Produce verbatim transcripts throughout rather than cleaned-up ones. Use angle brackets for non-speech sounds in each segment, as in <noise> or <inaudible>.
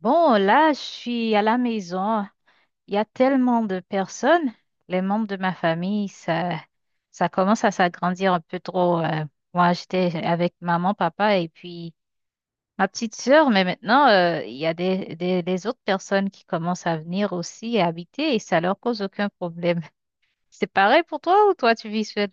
Bon, là, je suis à la maison. Il y a tellement de personnes. Les membres de ma famille, ça, ça commence à s'agrandir un peu trop. euh. Moi, j'étais avec maman, papa et puis ma petite sœur, mais maintenant, euh, il y a des, des, des autres personnes qui commencent à venir aussi et habiter et ça leur cause aucun problème. <laughs> C'est pareil pour toi ou toi, tu vis seule?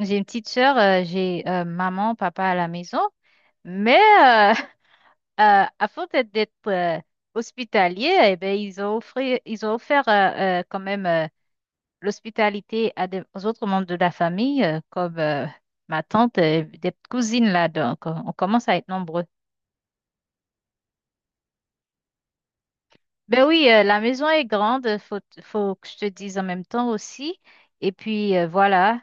J'ai une petite sœur, euh, j'ai euh, maman, papa à la maison, mais euh, euh, avant d'être d'être, euh, hospitalier, eh ben, ils ont offert, ils ont offert euh, euh, quand même euh, l'hospitalité à des, aux autres membres de la famille, euh, comme euh, ma tante, euh, des cousines là, donc euh, on commence à être nombreux. Ben oui, euh, la maison est grande, faut, faut que je te dise en même temps aussi. Et puis euh, voilà,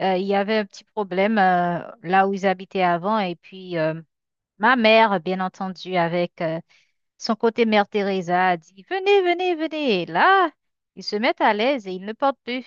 euh, il y avait un petit problème euh, là où ils habitaient avant, et puis euh, ma mère, bien entendu, avec euh, son côté Mère Teresa a dit, venez, venez, venez. Et là, ils se mettent à l'aise et ils ne portent plus.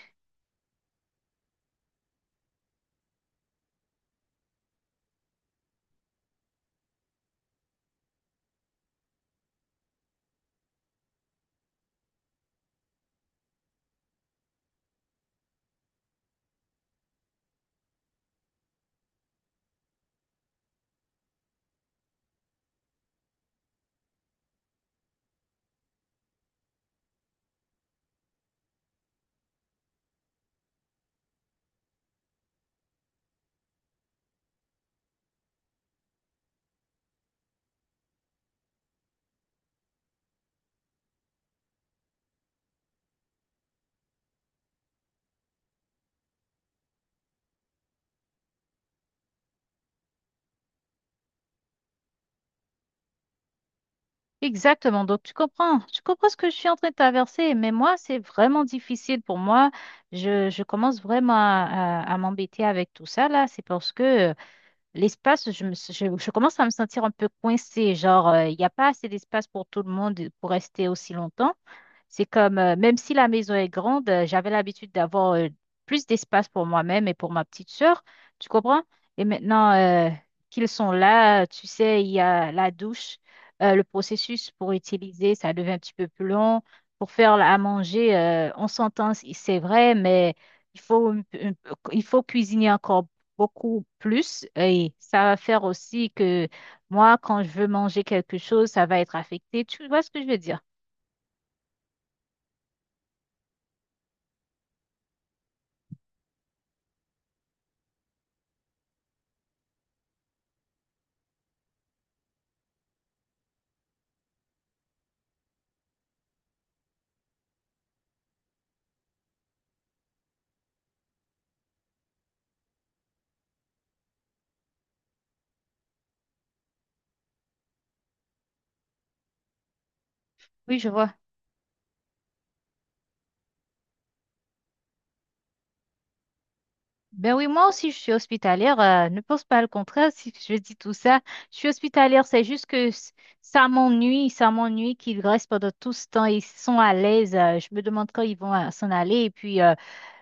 Exactement. Donc, tu comprends. Tu comprends ce que je suis en train de traverser. Mais moi, c'est vraiment difficile pour moi. Je, je commence vraiment à, à- à m'embêter avec tout ça, là. C'est parce que l'espace, je, me- je, je commence à me sentir un peu coincée. Genre, euh, il n'y a pas assez d'espace pour tout le monde pour rester aussi longtemps. C'est comme, euh, même si la maison est grande, euh, j'avais l'habitude d'avoir euh, plus d'espace pour moi-même et pour ma petite sœur. Tu comprends? Et maintenant euh, qu'ils sont là, tu sais, il y a la douche, euh, le processus pour utiliser, ça devient un petit peu plus long. Pour faire à manger, euh, on s'entend, c'est c'est vrai, mais il faut, un peu- un peu- il faut cuisiner encore beaucoup plus et ça va faire aussi que moi, quand je veux manger quelque chose, ça va être affecté. Tu vois ce que je veux dire? Oui, je vois. Ben oui, moi aussi, je suis hospitalière. Euh, ne pense pas le contraire si je dis tout ça. Je suis hospitalière, c'est juste que s- ça m'ennuie, ça m'ennuie qu'ils restent pendant tout ce temps. Ils sont à l'aise. Euh, je me demande quand ils vont euh, s'en aller. Et puis, euh,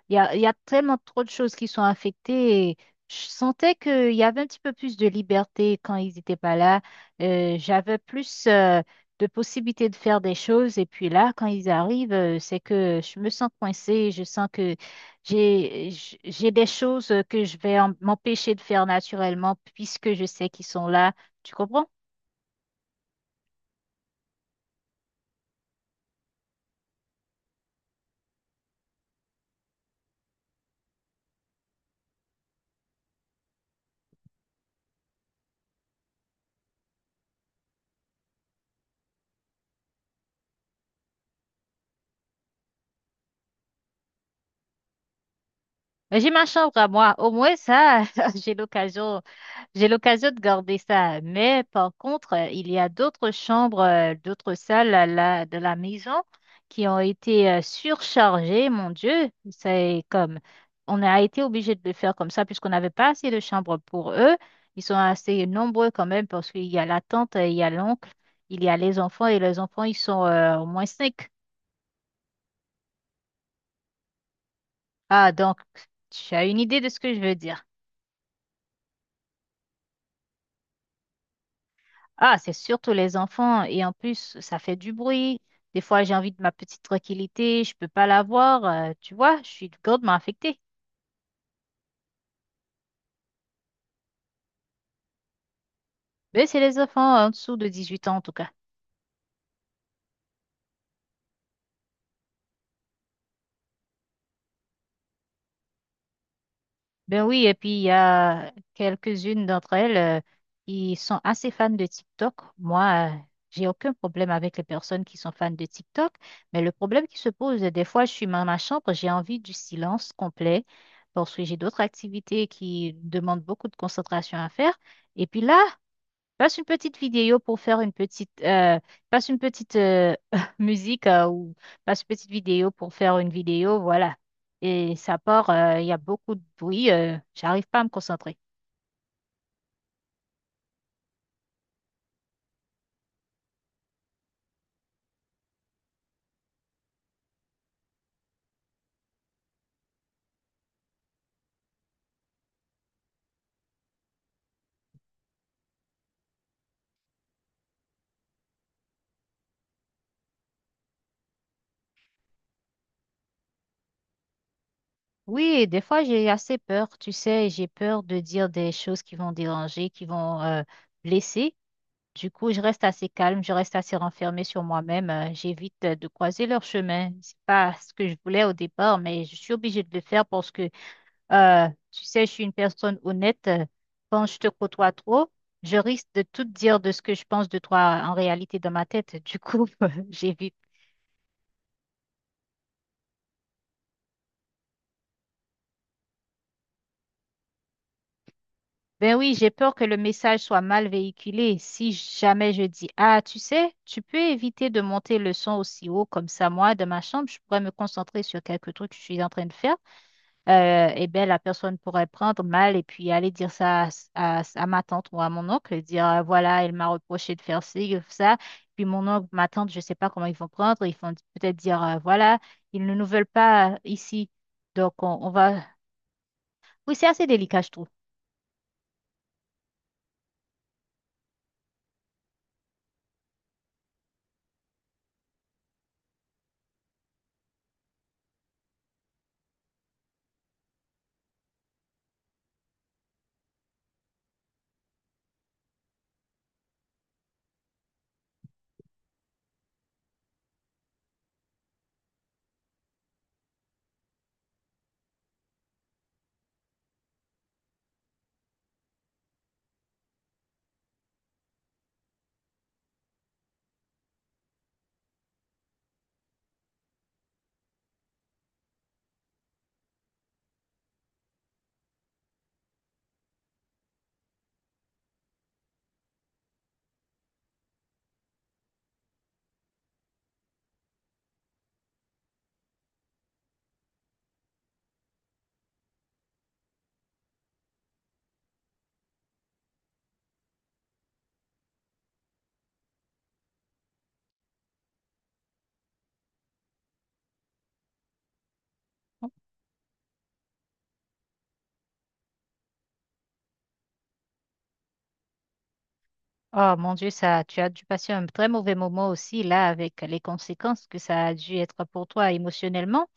il y a, il y a tellement trop de choses qui sont affectées. Et je sentais qu'il y avait un petit peu plus de liberté quand ils n'étaient pas là. Euh, j'avais plus euh, de possibilités de faire des choses. Et puis là, quand ils arrivent, euh, c'est que je me sens coincée. Je sens que j'ai, j- j'ai des choses que je vais en- m'empêcher de faire naturellement puisque je sais qu'ils sont là. Tu comprends? Mais j'ai ma chambre à moi. Au moins, ça, <laughs> j'ai l'occasion. J'ai l'occasion de garder ça, mais par contre, euh, il y a d'autres chambres, euh, d'autres salles à la- de la maison qui ont été euh, surchargées. Mon Dieu, c'est comme on a été obligé de le faire comme ça puisqu'on n'avait pas assez de chambres pour eux. Ils sont assez nombreux quand même parce qu'il y a la tante, euh, il y a l'oncle, il y a les enfants et les enfants, ils sont euh, au moins cinq. Ah, donc tu as une idée de ce que je veux dire. Ah, c'est surtout les enfants. Et en plus, ça fait du bruit. Des fois, j'ai envie de ma petite tranquillité. Je peux pas l'avoir. Euh, tu vois, je suis grandement affectée. Mais c'est les enfants en dessous de dix-huit ans, en tout cas. Ben oui, et puis il y a quelques-unes d'entre elles euh, qui sont assez fans de TikTok. Moi, euh, j'ai aucun problème avec les personnes qui sont fans de TikTok. Mais le problème qui se pose, euh, des fois, je suis dans ma chambre, j'ai envie du silence complet parce que j'ai d'autres activités qui demandent beaucoup de concentration à faire. Et puis là, passe une petite vidéo pour faire une petite, euh, passe une petite euh, <laughs> musique euh, ou passe une petite vidéo pour faire une vidéo, voilà. Et ça part, euh, il y a beaucoup de bruit, euh, j'arrive pas à me concentrer. Oui, des fois j'ai assez peur, tu sais, j'ai peur de dire des choses qui vont déranger, qui vont euh, blesser. Du coup, je reste assez calme, je reste assez renfermée sur moi-même, euh, j'évite euh, de croiser leur chemin. C'est pas ce que je voulais au départ, mais je suis obligée de le faire parce que Euh, tu sais, je suis une personne honnête. euh, Quand je te côtoie trop, je risque de tout te dire de ce que je pense de toi en réalité dans ma tête. Du coup, <laughs> j'évite. Ben oui, j'ai peur que le message soit mal véhiculé. Si jamais je dis, ah, tu sais, tu peux éviter de monter le son aussi haut comme ça, moi, de ma chambre, je pourrais me concentrer sur quelques trucs que je suis en train de faire euh, eh ben, la personne pourrait prendre mal et puis aller dire ça à, à- à ma tante ou à mon oncle, et dire euh, voilà, elle m'a reproché de faire ci, ça. Puis mon oncle, ma tante, je ne sais pas comment ils vont prendre. Ils vont peut-être dire euh, voilà, ils ne nous veulent pas euh, ici. Donc on, on va. Oui, c'est assez délicat, je trouve. Oh mon Dieu, ça, tu as dû passer un très mauvais moment aussi là avec les conséquences que ça a dû être pour toi émotionnellement.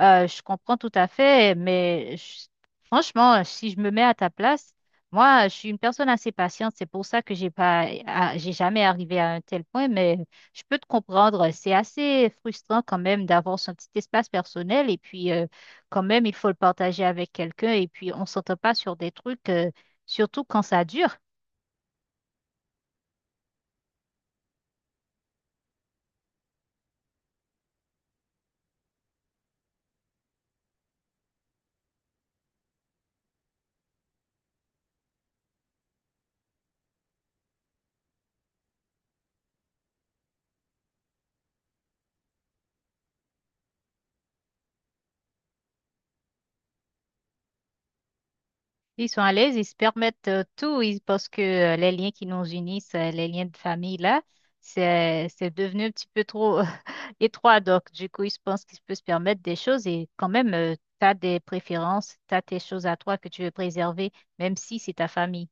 Euh, je comprends tout à fait, mais je- franchement, si je me mets à ta place, moi, je suis une personne assez patiente. C'est pour ça que j'ai pas, à- j'ai jamais arrivé à un tel point, mais je peux te comprendre. C'est assez frustrant quand même d'avoir son petit espace personnel et puis euh, quand même, il faut le partager avec quelqu'un et puis on s'entend pas sur des trucs, euh, surtout quand ça dure. Ils sont à l'aise, ils se permettent euh, tout, ils- parce que euh, les liens qui nous unissent, euh, les liens de famille, là, c'est, c'est devenu un petit peu trop euh, <laughs> étroit. Donc, du coup, ils se pensent qu'ils peuvent se permettre des choses et quand même, tu as des préférences, tu as tes choses à toi que tu veux préserver, même si c'est ta famille.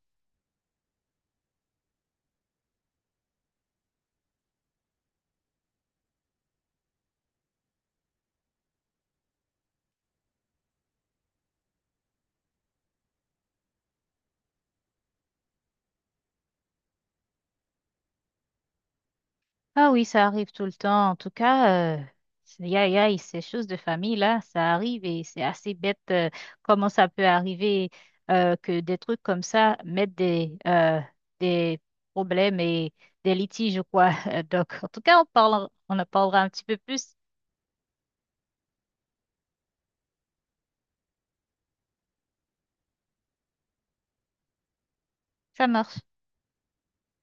Ah oui, ça arrive tout le temps. En tout cas, euh, c'est- y aïe, aïe, ces choses de famille là, ça arrive et c'est assez bête euh, comment ça peut arriver euh, que des trucs comme ça mettent des, euh, des problèmes et des litiges ou quoi. <laughs> Donc, en tout cas, on parle, on en parlera un petit peu plus. Ça marche.